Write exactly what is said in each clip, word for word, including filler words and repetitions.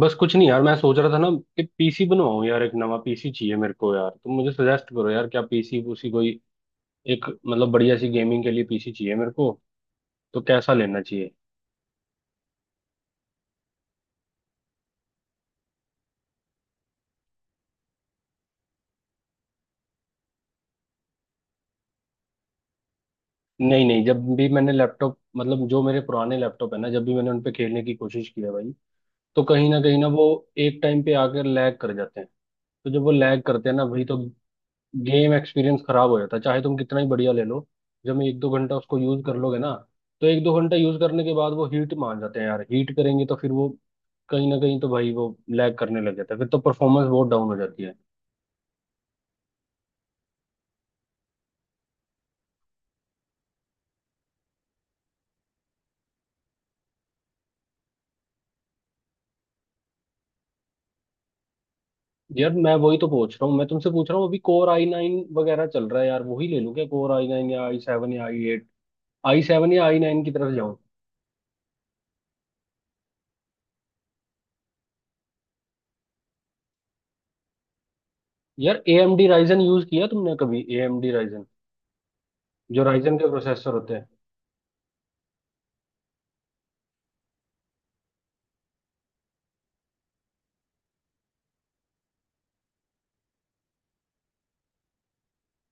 बस कुछ नहीं यार, मैं सोच रहा था ना कि पीसी बनवाऊं। यार, एक नवा पीसी चाहिए मेरे को। यार, तुम मुझे सजेस्ट करो यार क्या पीसी उसी कोई एक, मतलब बढ़िया सी गेमिंग के लिए पीसी चाहिए मेरे को। तो कैसा लेना चाहिए? नहीं नहीं, जब भी मैंने लैपटॉप, मतलब जो मेरे पुराने लैपटॉप है ना, जब भी मैंने उन पे खेलने की कोशिश की है भाई, तो कहीं ना कहीं ना वो एक टाइम पे आकर लैग कर जाते हैं। तो जब वो लैग करते हैं ना भाई, तो गेम एक्सपीरियंस खराब हो जाता है, चाहे तुम कितना ही बढ़िया ले लो। जब एक दो घंटा उसको यूज कर लोगे ना, तो एक दो घंटा यूज करने के बाद वो हीट मान जाते हैं यार। हीट करेंगे तो फिर वो कहीं ना कहीं तो भाई वो लैग करने लग जाता है, फिर तो परफॉर्मेंस बहुत डाउन हो जाती है। यार मैं वही तो पूछ रहा हूँ, मैं तुमसे पूछ रहा हूँ। अभी कोर आई नाइन वगैरह चल रहा है यार, वही ले लूँ क्या? कोर आई नाइन या आई सेवन या आई एट? आई सेवन या आई नाइन की तरफ जाऊँ? यार, A M D Ryzen use किया तुमने कभी? ए एम डी राइजन, जो राइजन के प्रोसेसर होते हैं।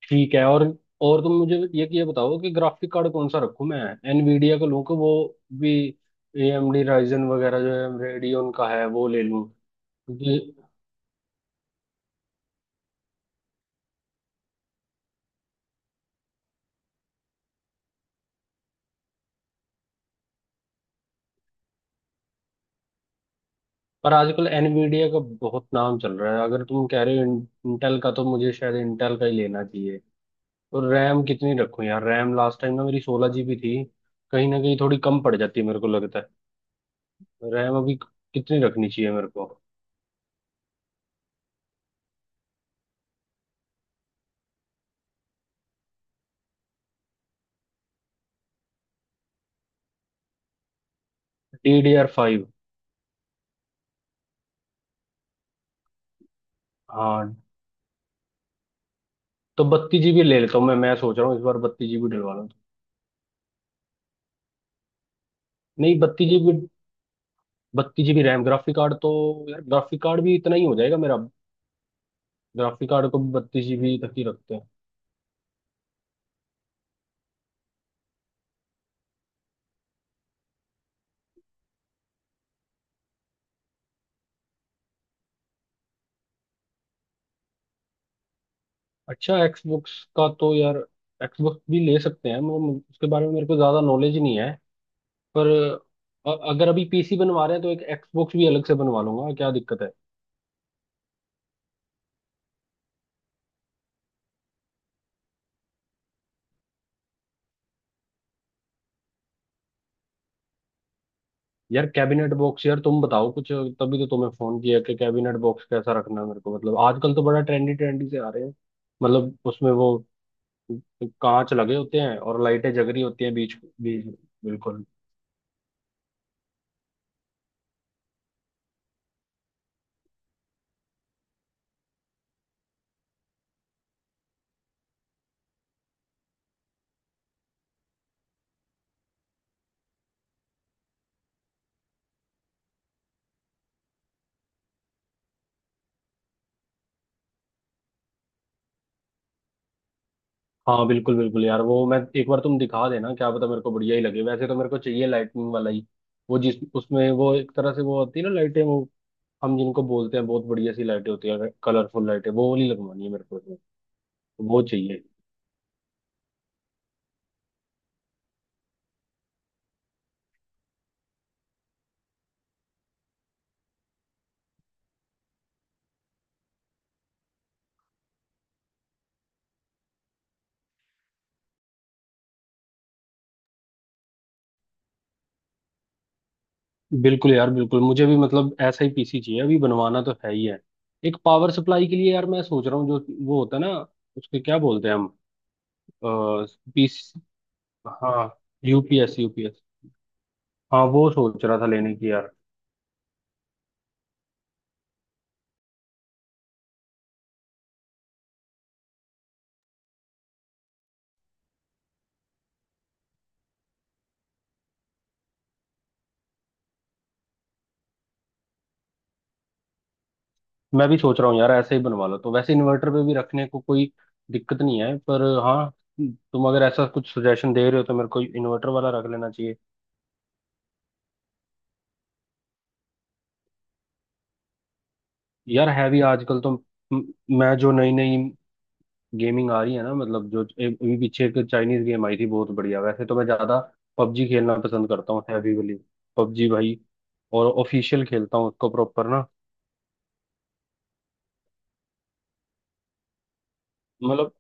ठीक है। और और तुम मुझे ये ये बताओ कि ग्राफिक कार्ड कौन सा रखूं मैं? एनवीडिया का लूं, कि वो भी एएमडी राइजन वगैरह जो है रेडियन का है, वो ले लूं? क्योंकि पर आजकल एनवीडिया का बहुत नाम चल रहा है। अगर तुम कह रहे हो इंटेल का, तो मुझे शायद इंटेल का ही लेना चाहिए। और रैम कितनी रखूं यार? रैम लास्ट टाइम ना मेरी सोलह जीबी थी, कहीं ना कहीं थोड़ी कम पड़ जाती है मेरे को लगता है। रैम अभी कितनी रखनी चाहिए मेरे को? D D R five. हाँ। तो बत्तीस जीबी ले लेता हूँ मैं। मैं सोच रहा हूँ इस बार बत्तीस जीबी डलवा। नहीं, बत्तीस जीबी, बत्तीस जीबी रैम। ग्राफिक कार्ड तो यार, ग्राफिक कार्ड भी इतना ही हो जाएगा मेरा। ग्राफिक कार्ड को भी बत्तीस जीबी तक ही रखते हैं। अच्छा, एक्सबॉक्स का तो यार एक्सबॉक्स भी ले सकते हैं, मगर मुझे- उसके बारे में मेरे को ज्यादा नॉलेज ही नहीं है। पर अ- अगर अभी पीसी बनवा रहे हैं, तो एक एक्सबॉक्स भी अलग से बनवा लूंगा, क्या दिक्कत है? यार कैबिनेट बॉक्स, यार तुम बताओ कुछ, तभी तो तुम्हें फोन किया कि कैबिनेट बॉक्स कैसा रखना है मेरे को। मतलब आजकल तो बड़ा ट्रेंडी ट्रेंडी से आ रहे हैं। मतलब उसमें वो कांच लगे होते हैं, और लाइटें जग रही होती हैं बीच बीच। बिल्कुल। हाँ बिल्कुल बिल्कुल यार, वो मैं एक बार तुम दिखा देना। क्या पता मेरे को बढ़िया ही लगे। वैसे तो मेरे को चाहिए लाइटनिंग वाला ही, वो जिस उसमें वो एक तरह से वो होती है ना लाइटें, वो हम जिनको बोलते हैं, बहुत बढ़िया सी लाइटें होती है, कलरफुल लाइटें, वो वाली लगवानी है मेरे को इसमें। वो चाहिए। बिल्कुल यार बिल्कुल, मुझे भी मतलब ऐसा ही पीसी चाहिए। अभी बनवाना तो है ही है। एक पावर सप्लाई के लिए यार मैं सोच रहा हूँ, जो वो होता है ना, उसके क्या बोलते हैं हम? पीस, हाँ, यूपीएस यूपीएस। हाँ, वो सोच रहा था लेने की यार। मैं भी सोच रहा हूँ यार, ऐसे ही बनवा लो। तो वैसे इन्वर्टर पे भी रखने को कोई दिक्कत नहीं है, पर हाँ, तुम अगर ऐसा कुछ सजेशन दे रहे हो तो मेरे को इन्वर्टर वाला रख लेना चाहिए। यार है भी आजकल तो, म- मैं, जो नई नई गेमिंग आ रही है ना, मतलब जो ए- अभी पीछे एक चाइनीज गेम आई थी बहुत बढ़िया। वैसे तो मैं ज्यादा पबजी खेलना पसंद करता हूँ, हैवी वाली पबजी भाई। और ऑफिशियल खेलता हूँ उसको प्रॉपर ना। मतलब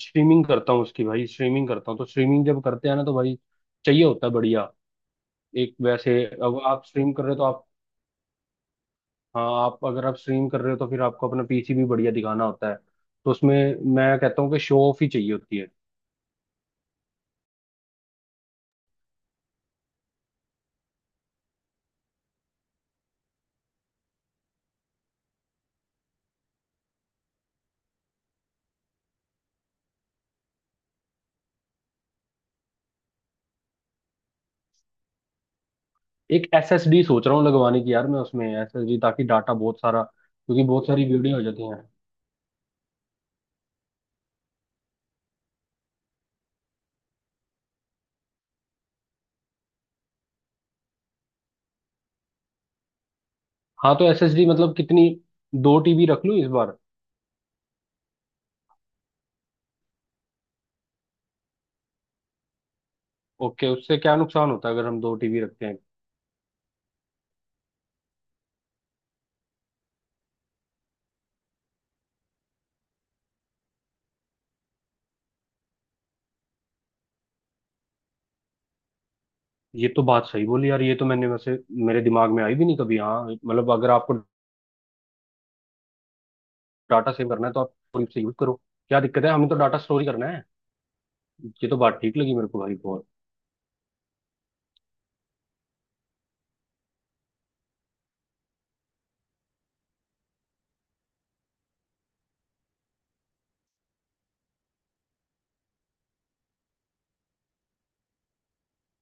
स्ट्रीमिंग करता हूँ उसकी भाई। स्ट्रीमिंग करता हूँ, तो स्ट्रीमिंग जब करते हैं ना तो भाई, चाहिए होता है बढ़िया। एक वैसे, अब आप स्ट्रीम कर रहे हो तो आप, हाँ, आप अगर आप स्ट्रीम कर रहे हो तो फिर आपको अपना पीसी भी बढ़िया दिखाना होता है। तो उसमें मैं कहता हूँ कि शो ऑफ ही चाहिए होती है। एक एसएसडी सोच रहा हूँ लगवाने की यार। मैं उसमें एसएसडी, ताकि डाटा बहुत सारा, क्योंकि बहुत सारी वीडियो हो जाती हैं। हाँ, तो एसएसडी मतलब कितनी? दो टीबी रख लूँ इस बार? ओके, उससे क्या नुकसान होता है अगर हम दो टीबी रखते हैं? ये तो बात सही बोली यार। ये तो मैंने वैसे मेरे दिमाग में आई भी नहीं कभी। हाँ मतलब अगर आपको डाटा सेव करना है तो आप से यूज करो, क्या दिक्कत है। हमें तो डाटा स्टोर ही करना है। ये तो बात ठीक लगी मेरे को भाई, बहुत।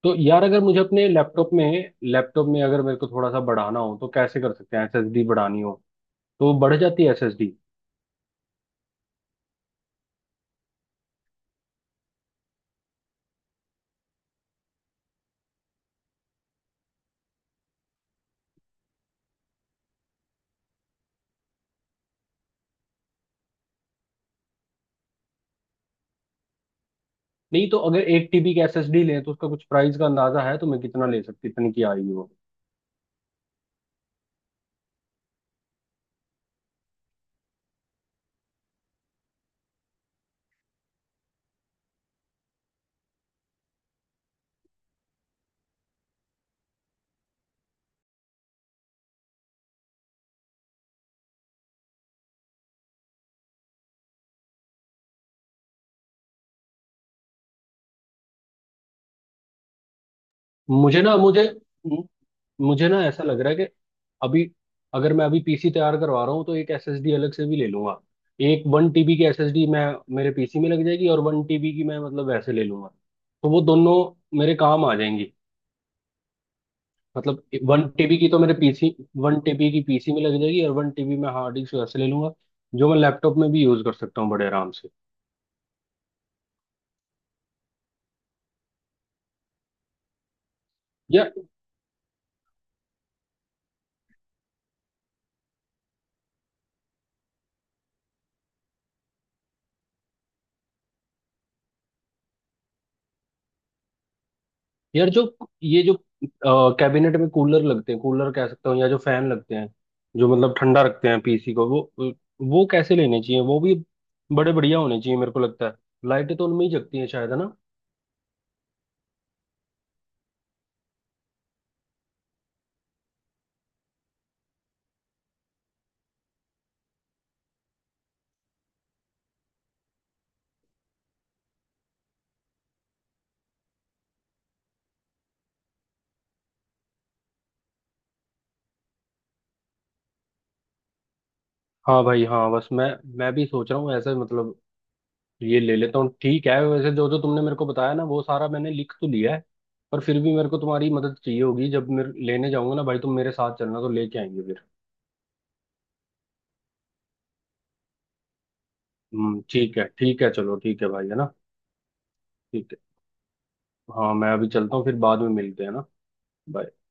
तो यार, अगर मुझे अपने लैपटॉप में, लैपटॉप में अगर मेरे को थोड़ा सा बढ़ाना हो तो कैसे कर सकते हैं? एसएसडी बढ़ानी हो, तो वो बढ़ जाती है एसएसडी? नहीं, तो अगर एक टीबी की एसएसडी लें, तो उसका कुछ प्राइस का अंदाजा है? तो मैं कितना ले सकती, कितने की आएगी वो? मुझे ना मुझे मुझे ना ऐसा लग रहा है कि अभी, अगर मैं अभी पीसी तैयार करवा रहा हूँ, तो एक एसएसडी अलग से भी ले लूंगा। एक वन टीबी की एसएसडी मैं मेरे पीसी में लग जाएगी, और वन टीबी की मैं, मतलब वैसे ले लूंगा। तो वो दोनों मेरे काम आ जाएंगी। मतलब वन टीबी की तो मेरे पीसी, वन टीबी की पीसी में लग जाएगी, और वन टीबी मैं हार्ड डिस्क वैसे ले लूंगा, जो मैं लैपटॉप में भी यूज कर सकता हूँ बड़े आराम से। यार यार, जो ये जो कैबिनेट में कूलर लगते हैं, कूलर कह सकता हूँ या जो फैन लगते हैं, जो मतलब ठंडा रखते हैं पीसी को, वो वो कैसे लेने चाहिए? वो भी बड़े बढ़िया होने चाहिए मेरे को लगता है। लाइटें तो उनमें ही जगती हैं शायद, है ना? हाँ भाई हाँ। बस मैं मैं भी सोच रहा हूँ ऐसा ही। मतलब ये ले लेता हूँ, ठीक है। वैसे जो जो तुमने मेरे को बताया ना, वो सारा मैंने लिख तो लिया है। पर फिर भी मेरे को तुम्हारी मदद चाहिए होगी जब मैं लेने जाऊंगा ना भाई, तुम मेरे साथ चलना, तो लेके आएंगे फिर। हम्म, ठीक है ठीक है, चलो ठीक है भाई, है ना? ठीक है। हाँ मैं अभी चलता हूँ, फिर बाद में मिलते हैं ना। Bye.